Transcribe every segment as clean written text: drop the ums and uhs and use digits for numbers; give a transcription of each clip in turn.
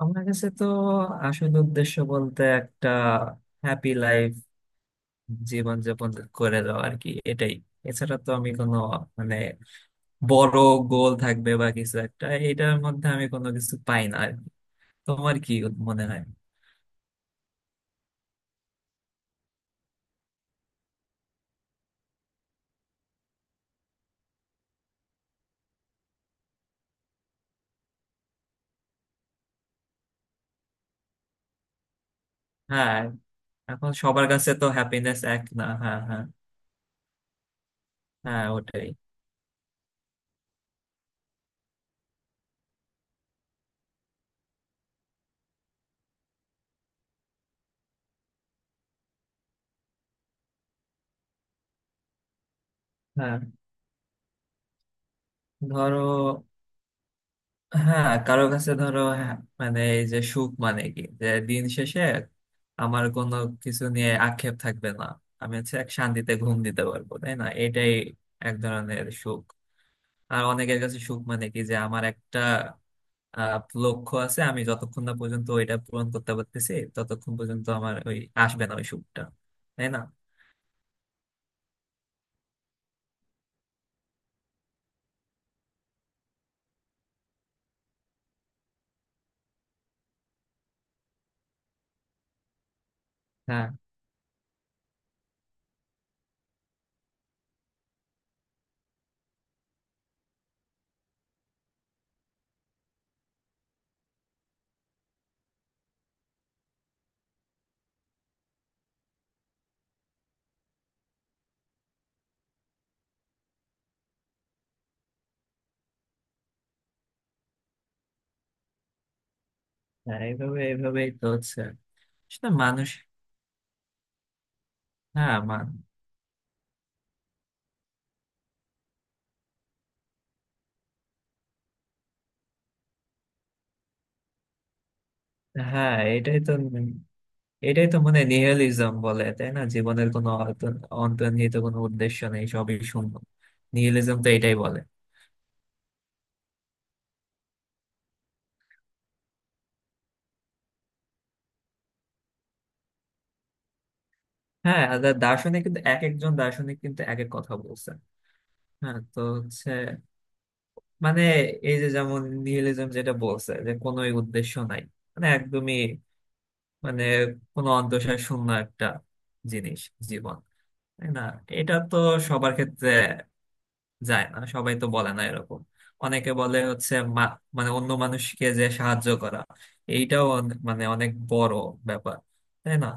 আমার কাছে তো আসল উদ্দেশ্য বলতে একটা হ্যাপি লাইফ, জীবন যাপন করে যাওয়া আর কি। এটাই, এছাড়া তো আমি কোনো মানে বড় গোল থাকবে বা কিছু একটা এটার মধ্যে আমি কোনো কিছু পাই না আর কি। তোমার কি মনে হয়? হ্যাঁ, এখন সবার কাছে তো হ্যাপিনেস এক না। হ্যাঁ হ্যাঁ, হ্যাঁ ওটাই। হ্যাঁ ধরো, হ্যাঁ কারো কাছে ধরো হ্যাঁ, এই যে সুখ মানে কি, যে দিন শেষে আমার কোনো কিছু নিয়ে আক্ষেপ থাকবে না, আমি হচ্ছে এক শান্তিতে ঘুম দিতে পারবো, তাই না? এটাই এক ধরনের সুখ। আর অনেকের কাছে সুখ মানে কি, যে আমার একটা আহ, লক্ষ্য আছে, আমি যতক্ষণ না পর্যন্ত ওইটা পূরণ করতে পারতেছি ততক্ষণ পর্যন্ত আমার ওই আসবে না ওই সুখটা, তাই না? হ্যাঁ, এইভাবেই তো হচ্ছে আসলে মানুষ। হ্যাঁ মান, হ্যাঁ এটাই তো। এটাই তো, নিহিলিজম বলে তাই না, জীবনের কোনো অন্তর্নিহিত কোনো উদ্দেশ্য নেই, সবই শূন্য। নিহিলিজম তো এটাই বলে। হ্যাঁ, আর দার্শনিক কিন্তু এক একজন, দার্শনিক কিন্তু এক এক কথা বলছে। হ্যাঁ, তো হচ্ছে মানে এই যে যেমন নিহিলিজম যেটা বলছে যে কোনো উদ্দেশ্য নাই, একদমই, মানে কোনো অন্তঃসার শূন্য একটা জিনিস, জীবন, তাই না? এটা তো সবার ক্ষেত্রে যায় না, সবাই তো বলে না এরকম। অনেকে বলে হচ্ছে মা- মানে অন্য মানুষকে যে সাহায্য করা, এইটাও অনেক বড় ব্যাপার, তাই না?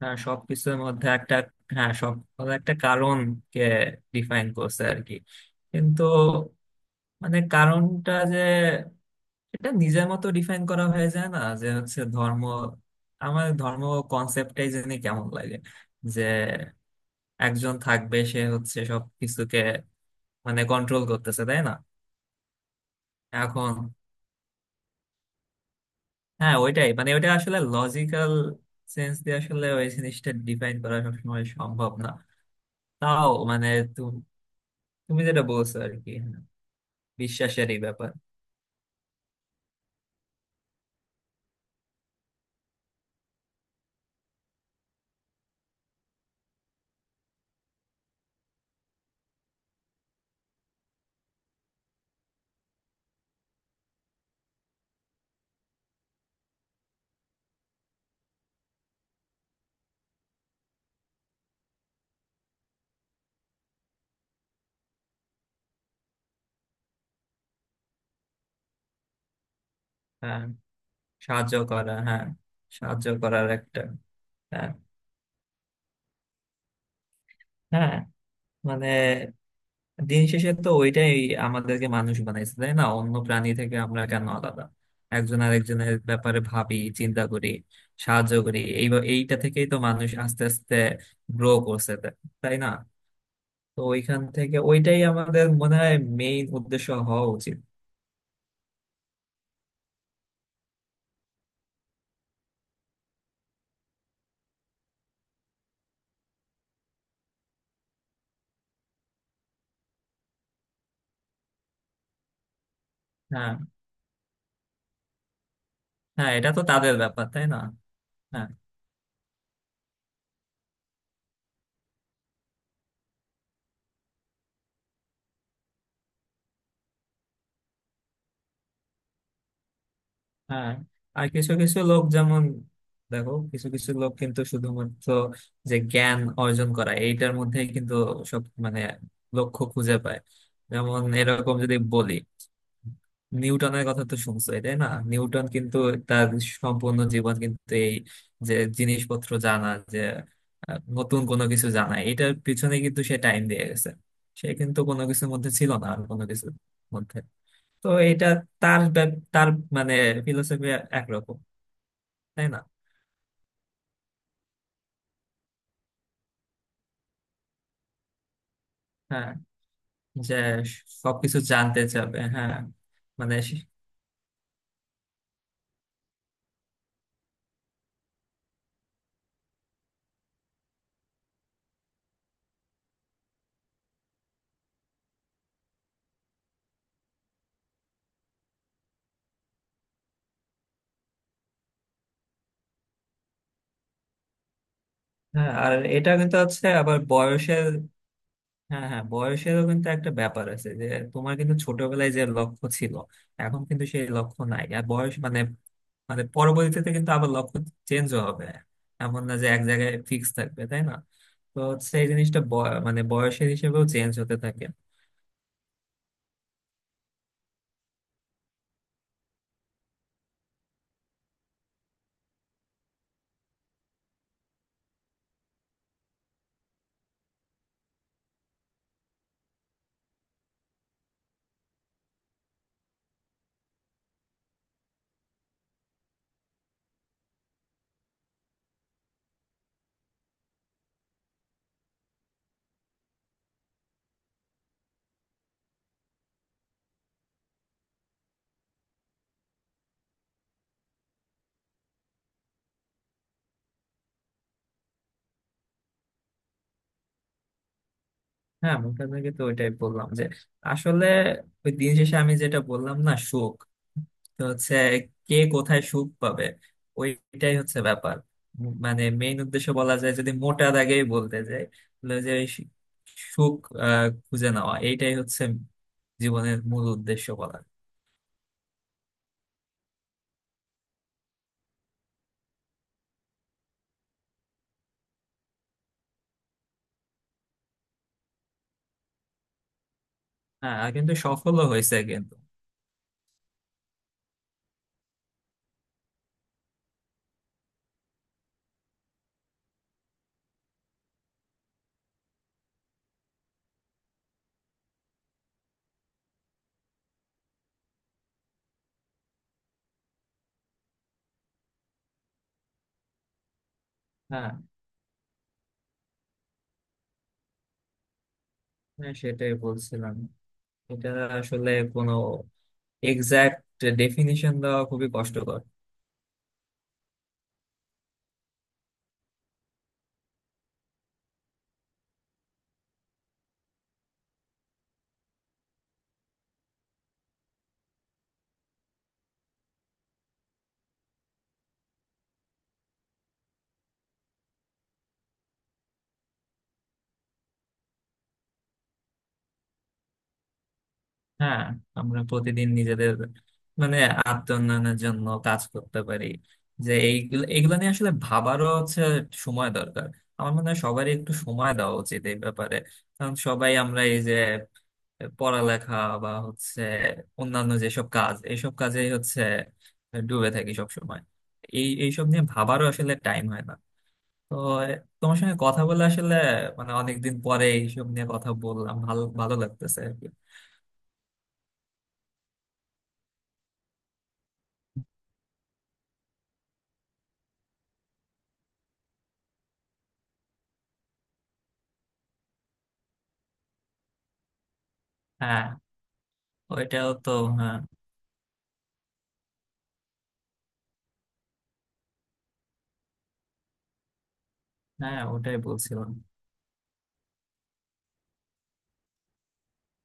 হ্যাঁ সবকিছুর মধ্যে একটা, হ্যাঁ সব একটা কারণকে ডিফাইন করছে আর কি। কিন্তু কারণটা যে এটা নিজের মতো ডিফাইন করা হয়ে যায় না, যে হচ্ছে ধর্ম। আমার ধর্ম কনসেপ্টটাই জানি কেমন লাগে, যে একজন থাকবে সে হচ্ছে সব কিছুকে কন্ট্রোল করতেছে, তাই না? এখন হ্যাঁ ওইটাই, ওইটা আসলে লজিক্যাল সেন্স দিয়ে আসলে ওই জিনিসটা ডিফাইন করা সবসময় সম্ভব না। তাও তু- তুমি যেটা বলছো আর কি, হ্যাঁ, বিশ্বাসেরই ব্যাপার। হ্যাঁ সাহায্য করা, হ্যাঁ সাহায্য করার একটা, হ্যাঁ হ্যাঁ, মানে দিন শেষে তো ওইটাই আমাদেরকে মানুষ বানাইছে, তাই না? অন্য প্রাণী থেকে আমরা কেন আলাদা, একজন আরেকজনের ব্যাপারে ভাবি, চিন্তা করি, সাহায্য করি। এইটা থেকেই তো মানুষ আস্তে আস্তে গ্রো করছে, তাই না? তো ওইখান থেকে ওইটাই আমাদের মনে হয় মেইন উদ্দেশ্য হওয়া উচিত। হ্যাঁ, এটা তো তাদের ব্যাপার, তাই না? হ্যাঁ। হ্যাঁ, আর কিছু কিছু লোক যেমন, দেখো কিছু কিছু লোক কিন্তু শুধুমাত্র যে জ্ঞান অর্জন করা এইটার মধ্যে কিন্তু সব লক্ষ্য খুঁজে পায়। যেমন এরকম যদি বলি, নিউটনের কথা তো শুনছোই তাই না? নিউটন কিন্তু তার সম্পূর্ণ জীবন কিন্তু এই যে জিনিসপত্র জানা, যে নতুন কোনো কিছু জানা, এটার পিছনে কিন্তু সে টাইম দিয়ে গেছে। সে কিন্তু কোনো কিছুর মধ্যে ছিল না আর কোনো কিছুর মধ্যে। তো এটা তার মানে ফিলোসফি একরকম, তাই না? হ্যাঁ যে সবকিছু জানতে চাবে, হ্যাঁ মানে সে, হ্যাঁ। আর এটা কিন্তু হচ্ছে আবার বয়সের, হ্যাঁ হ্যাঁ বয়সেরও কিন্তু একটা ব্যাপার আছে যে তোমার কিন্তু ছোটবেলায় যে লক্ষ্য ছিল এখন কিন্তু সেই লক্ষ্য নাই। আর বয়স মানে মানে পরবর্তীতে কিন্তু আবার লক্ষ্য চেঞ্জও হবে, এমন না যে এক জায়গায় ফিক্স থাকবে, তাই না? তো হচ্ছে এই জিনিসটা বয়সের হিসেবেও চেঞ্জ হতে থাকে। হ্যাঁ আমি তো আপনাকে তো ওইটাই বললাম যে আসলে ওই দিন শেষে আমি যেটা বললাম না, সুখ, তো হচ্ছে কে কোথায় সুখ পাবে ওইটাই হচ্ছে ব্যাপার। মানে মেইন উদ্দেশ্য বলা যায় যদি মোটা দাগেই বলতে যাই, তাহলে যে ওই সুখ খুঁজে নেওয়া এইটাই হচ্ছে জীবনের মূল উদ্দেশ্য বলা যায়। হ্যাঁ আর কিন্তু সফলও হয়েছে কিন্তু। হ্যাঁ হ্যাঁ, সেটাই বলছিলাম, এটা আসলে কোনো এক্সাক্ট ডেফিনিশন দেওয়া খুবই কষ্টকর। হ্যাঁ আমরা প্রতিদিন নিজেদের মানে আত্মোন্নয়নের জন্য কাজ করতে পারি। যে এগুলো নিয়ে আসলে ভাবারও হচ্ছে সময় দরকার। আমার মনে হয় সবারই একটু সময় দেওয়া উচিত এই ব্যাপারে, কারণ সবাই আমরা এই যে পড়ালেখা বা হচ্ছে অন্যান্য যেসব কাজ এইসব কাজেই হচ্ছে ডুবে থাকি সব সময়। এইসব নিয়ে ভাবারও আসলে টাইম হয় না। তো তোমার সঙ্গে কথা বলে আসলে মানে অনেকদিন পরে এইসব নিয়ে কথা বললাম, ভালো ভালো লাগতেছে আর কি। হ্যাঁ ওইটাও তো, হ্যাঁ হ্যাঁ ওটাই বলছিলাম।